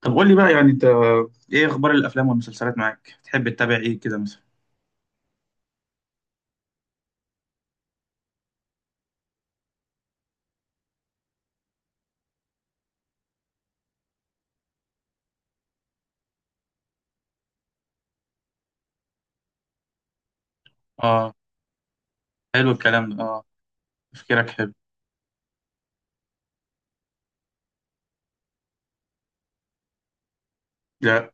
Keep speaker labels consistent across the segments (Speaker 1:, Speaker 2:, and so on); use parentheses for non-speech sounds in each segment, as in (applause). Speaker 1: طب قول لي بقى يعني انت ايه اخبار الافلام والمسلسلات معاك؟ تحب تتابع ايه كده مثلا؟ اه، حلو الكلام ده. اه تفكيرك حلو. لا.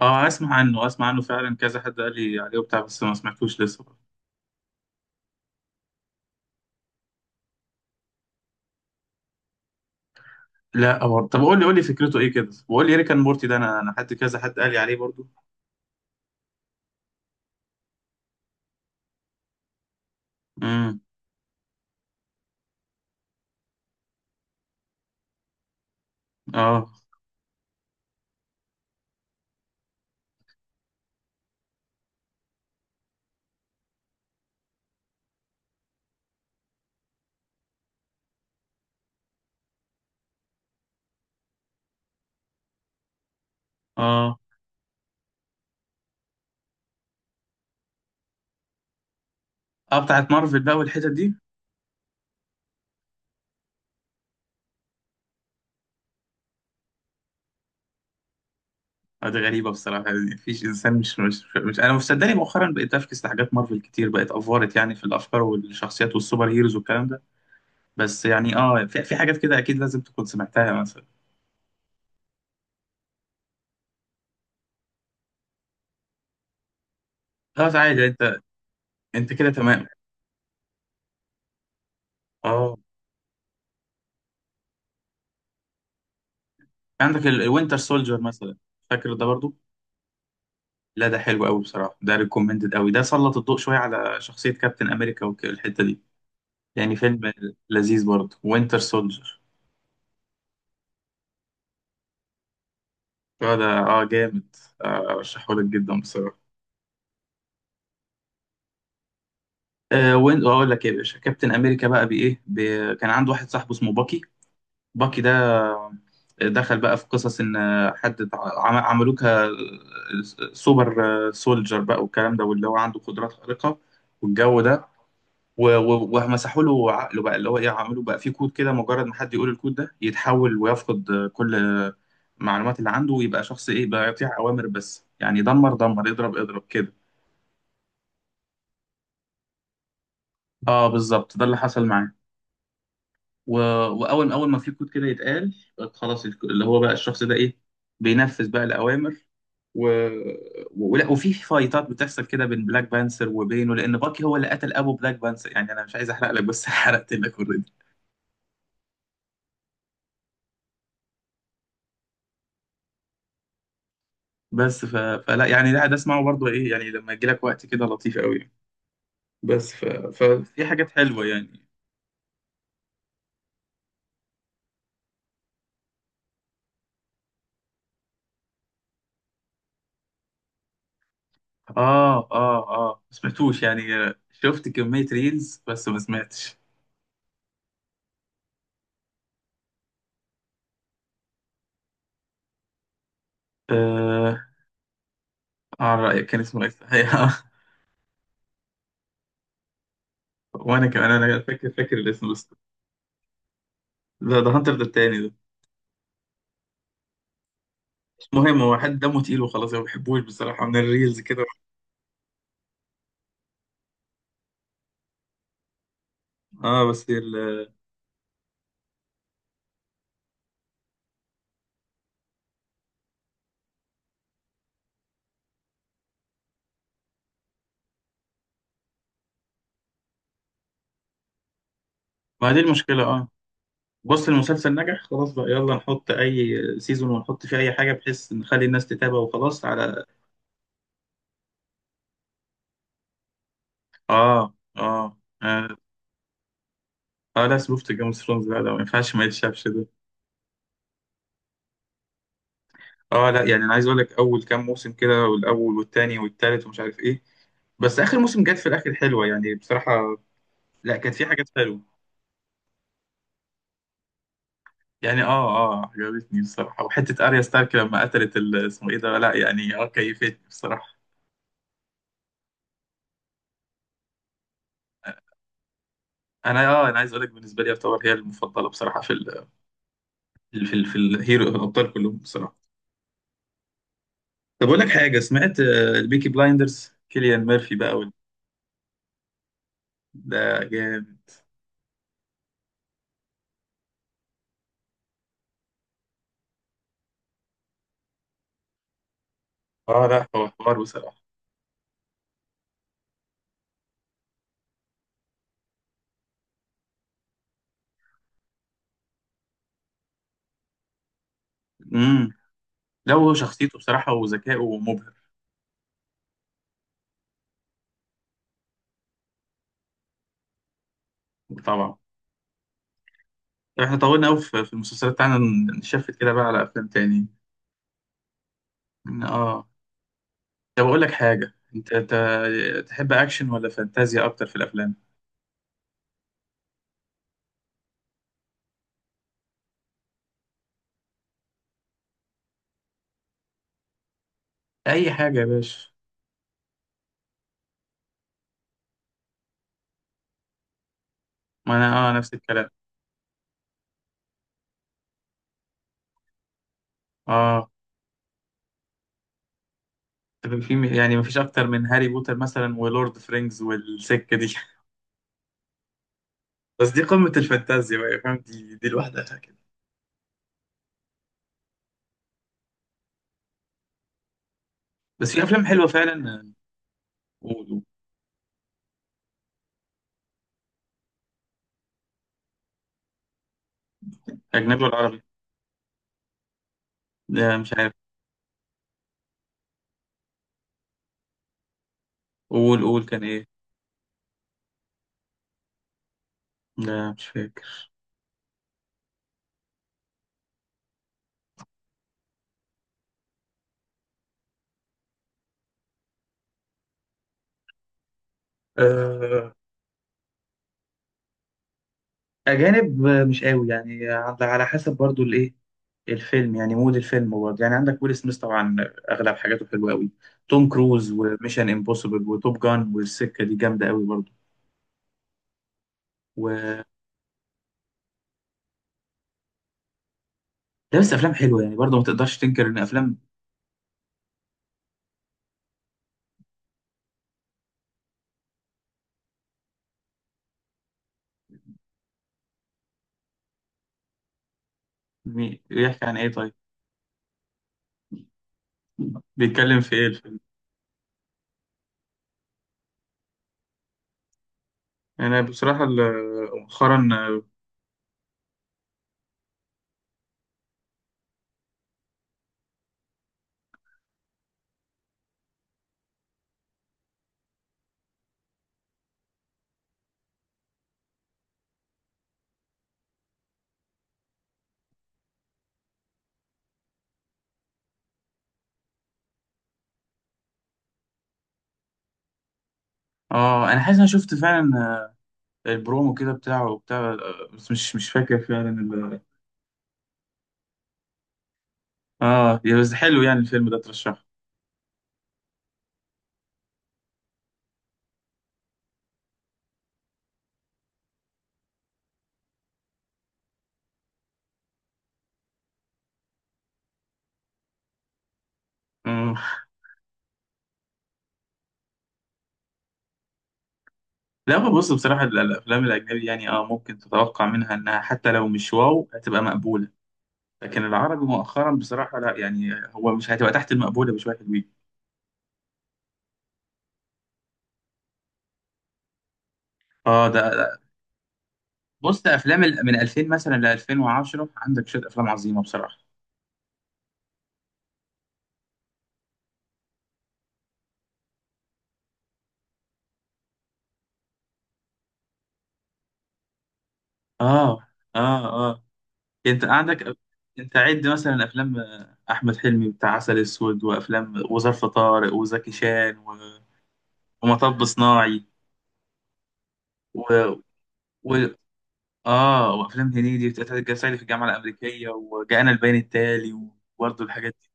Speaker 1: اه اسمع عنه، اسمع عنه فعلا، كذا حد قال لي عليه وبتاع بس ما سمعتوش لسه. لا برضه. طب قول لي قول لي فكرته ايه كده، وقول لي ريكان مورتي ده، انا حد كذا حد قال لي عليه برضه. امم اه اه اه بتاعت مارفل بقى والحتت دي. دي غريبه بصراحه، يعني مفيش انسان. مش انا، مصدقني مؤخرا بقيت افكس لحاجات مارفل كتير، بقت افورت يعني في الافكار والشخصيات والسوبر هيروز والكلام ده. بس يعني اه في حاجات كده اكيد لازم تكون سمعتها مثلا. خلاص عادي انت. انت كده تمام. اه عندك الوينتر سولجر مثلا، فاكر ده برضو؟ لا ده حلو قوي بصراحه، ده ريكومندد قوي، ده سلط الضوء شويه على شخصيه كابتن امريكا والحته دي. يعني فيلم لذيذ برضو وينتر سولجر. اه ده اه جامد. ارشحه لك جدا بصراحه. آه وين اقول لك ايه يا باشا، كابتن امريكا بقى بايه كان عنده واحد صاحبه اسمه باكي. باكي ده دخل بقى في قصص ان حد عملوه كسوبر سولجر بقى والكلام ده، واللي هو عنده قدرات خارقة والجو ده. و- و- ومسحوا له عقله بقى اللي هو ايه، عملوا بقى فيه كود كده، مجرد ما حد يقول الكود ده يتحول ويفقد كل المعلومات اللي عنده ويبقى شخص ايه بقى، يطيع اوامر بس يعني دمر دمر اضرب اضرب كده. اه بالظبط ده اللي حصل معاه. و... واول اول ما في كود كده يتقال خلاص اللي هو بقى الشخص ده ايه، بينفذ بقى الاوامر. و... ولا وفي فايتات بتحصل كده بين بلاك بانثر وبينه، لان باكي هو اللي قتل ابو بلاك بانثر. يعني انا مش عايز احرق لك بس (laughs) حرقت لك اوريدي. فلا يعني، لا ده اسمعه برضه ايه، يعني لما يجي لك وقت كده لطيف قوي. ففي حاجات حلوه يعني. اه اه اه ما سمعتوش يعني، شفت كميه ريلز بس ما سمعتش. آه عن رأيك كان اسمه ايه؟ (laughs) وانا كمان انا فاكر الاسم بس. ده ده هانتر ده التاني ده. مش مهم، هو حد دمه تقيل وخلاص، أنا ما بحبوش بصراحه من الريلز كده. اه ما دي المشكله اه. بص المسلسل نجح خلاص، بقى يلا نحط اي سيزون ونحط فيه اي حاجه بحيث نخلي الناس تتابع وخلاص على. اه اه آه لا، شفت جيم اوف ثرونز، لا لا ما ينفعش ما يتشافش ده. اه لا يعني انا عايز اقول لك، اول كام موسم كده، والاول والتاني والتالت ومش عارف ايه، بس اخر موسم جت في الاخر حلوه يعني بصراحه. لا كانت في حاجات حلوه يعني. اه اه عجبتني بصراحة، وحتة اريا ستارك لما قتلت اسمه ايه ده، لا يعني اه كيفتني بصراحة. انا اه انا عايز اقول لك بالنسبة لي يعتبر هي المفضلة بصراحة في الهيرو الابطال كلهم بصراحة. طب اقول لك حاجة، سمعت البيكي بلايندرز كيليان ميرفي بقى ده جامد. اه لا هو حوار بصراحة. امم لا هو شخصيته بصراحة وذكائه مبهر. طبعا. احنا طولنا قوي في المسلسلات بتاعنا، نشفت كده بقى على افلام تاني. اه طب أقول لك حاجة، أنت تحب أكشن ولا فانتازيا أكتر في الأفلام؟ أي حاجة يا باشا. ما أنا آه نفس الكلام. آه طب في يعني مفيش أكتر من هاري بوتر مثلا ولورد فرينجز والسكة دي. (laughs) بس دي قمة الفانتازيا بقى فاهم، دي دي لوحدها كده. بس في أفلام حلوة فعلا. قول قول. أجنبي ولا عربي؟ لا مش عارف. قول قول كان إيه؟ لا مش فاكر. آه أجانب، مش قوي يعني، على على حسب برضو الإيه، الفيلم يعني مود الفيلم برضه. يعني عندك ويل سميث طبعا، اغلب حاجاته حلوه قوي. توم كروز وميشن امبوسيبل وتوب جان والسكه دي جامده قوي برضه. وده بس افلام حلوه يعني برضه، ما تقدرش تنكر ان افلام. بيحكي عن ايه طيب، بيتكلم في ايه الفيلم؟ انا بصراحه مؤخرا اه انا حاسس انا شفت فعلا البرومو كده بتاعه بتاع بس مش مش فاكر فعلا اه يا بس حلو يعني الفيلم ده ترشحه. آه. لا هو بص بصراحة الأفلام الأجنبي، يعني اه ممكن تتوقع منها إنها حتى لو مش واو هتبقى مقبولة، لكن العربي مؤخرا بصراحة لا، يعني هو مش هتبقى تحت المقبولة بشوية حلوين. اه ده بص ده أفلام من 2000 مثلا ل 2010 عندك شوية أفلام عظيمة بصراحة. اه اه اه أنت عندك، أنت عد مثلا أفلام أحمد حلمي بتاع عسل أسود وأفلام وظرف طارق وزكي شان ومطب صناعي و... اه وافلام هنيدي بتاعت صعيدي في الجامعه الامريكيه وجاءنا البيان التالي، وبرضه الحاجات دي.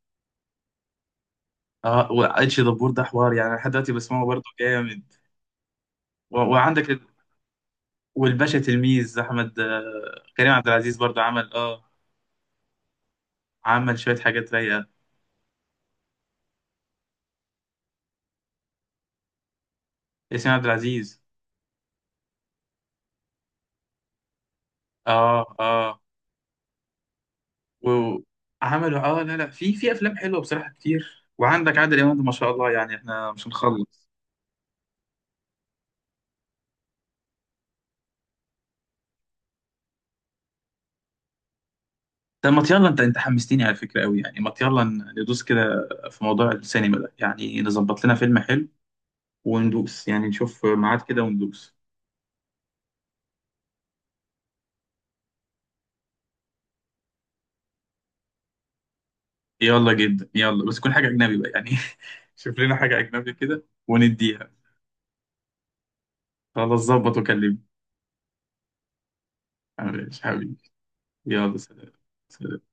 Speaker 1: اه واتش دبور ده حوار، يعني لحد دلوقتي بسمعه برضه جامد. وعندك والباشا تلميذ احمد كريم عبد العزيز برضه عمل اه، عمل شويه حاجات رايقه. ياسمين عبد العزيز. اه اه وعملوا اه لا لا، في افلام حلوه بصراحه كتير، وعندك عادل امام ده ما شاء الله يعني احنا مش هنخلص. طب ما يلا انت انت حمستني على فكره قوي، يعني ما يلا ندوس كده في موضوع السينما ده، يعني نظبط لنا فيلم حلو وندوس، يعني نشوف ميعاد كده وندوس. يلا جدا، يلا بس تكون حاجه اجنبي بقى يعني. (laughs) شوف لنا حاجه اجنبي كده ونديها. خلاص ظبط وكلمني. معلش حبيبي. يلا سلام. سلام.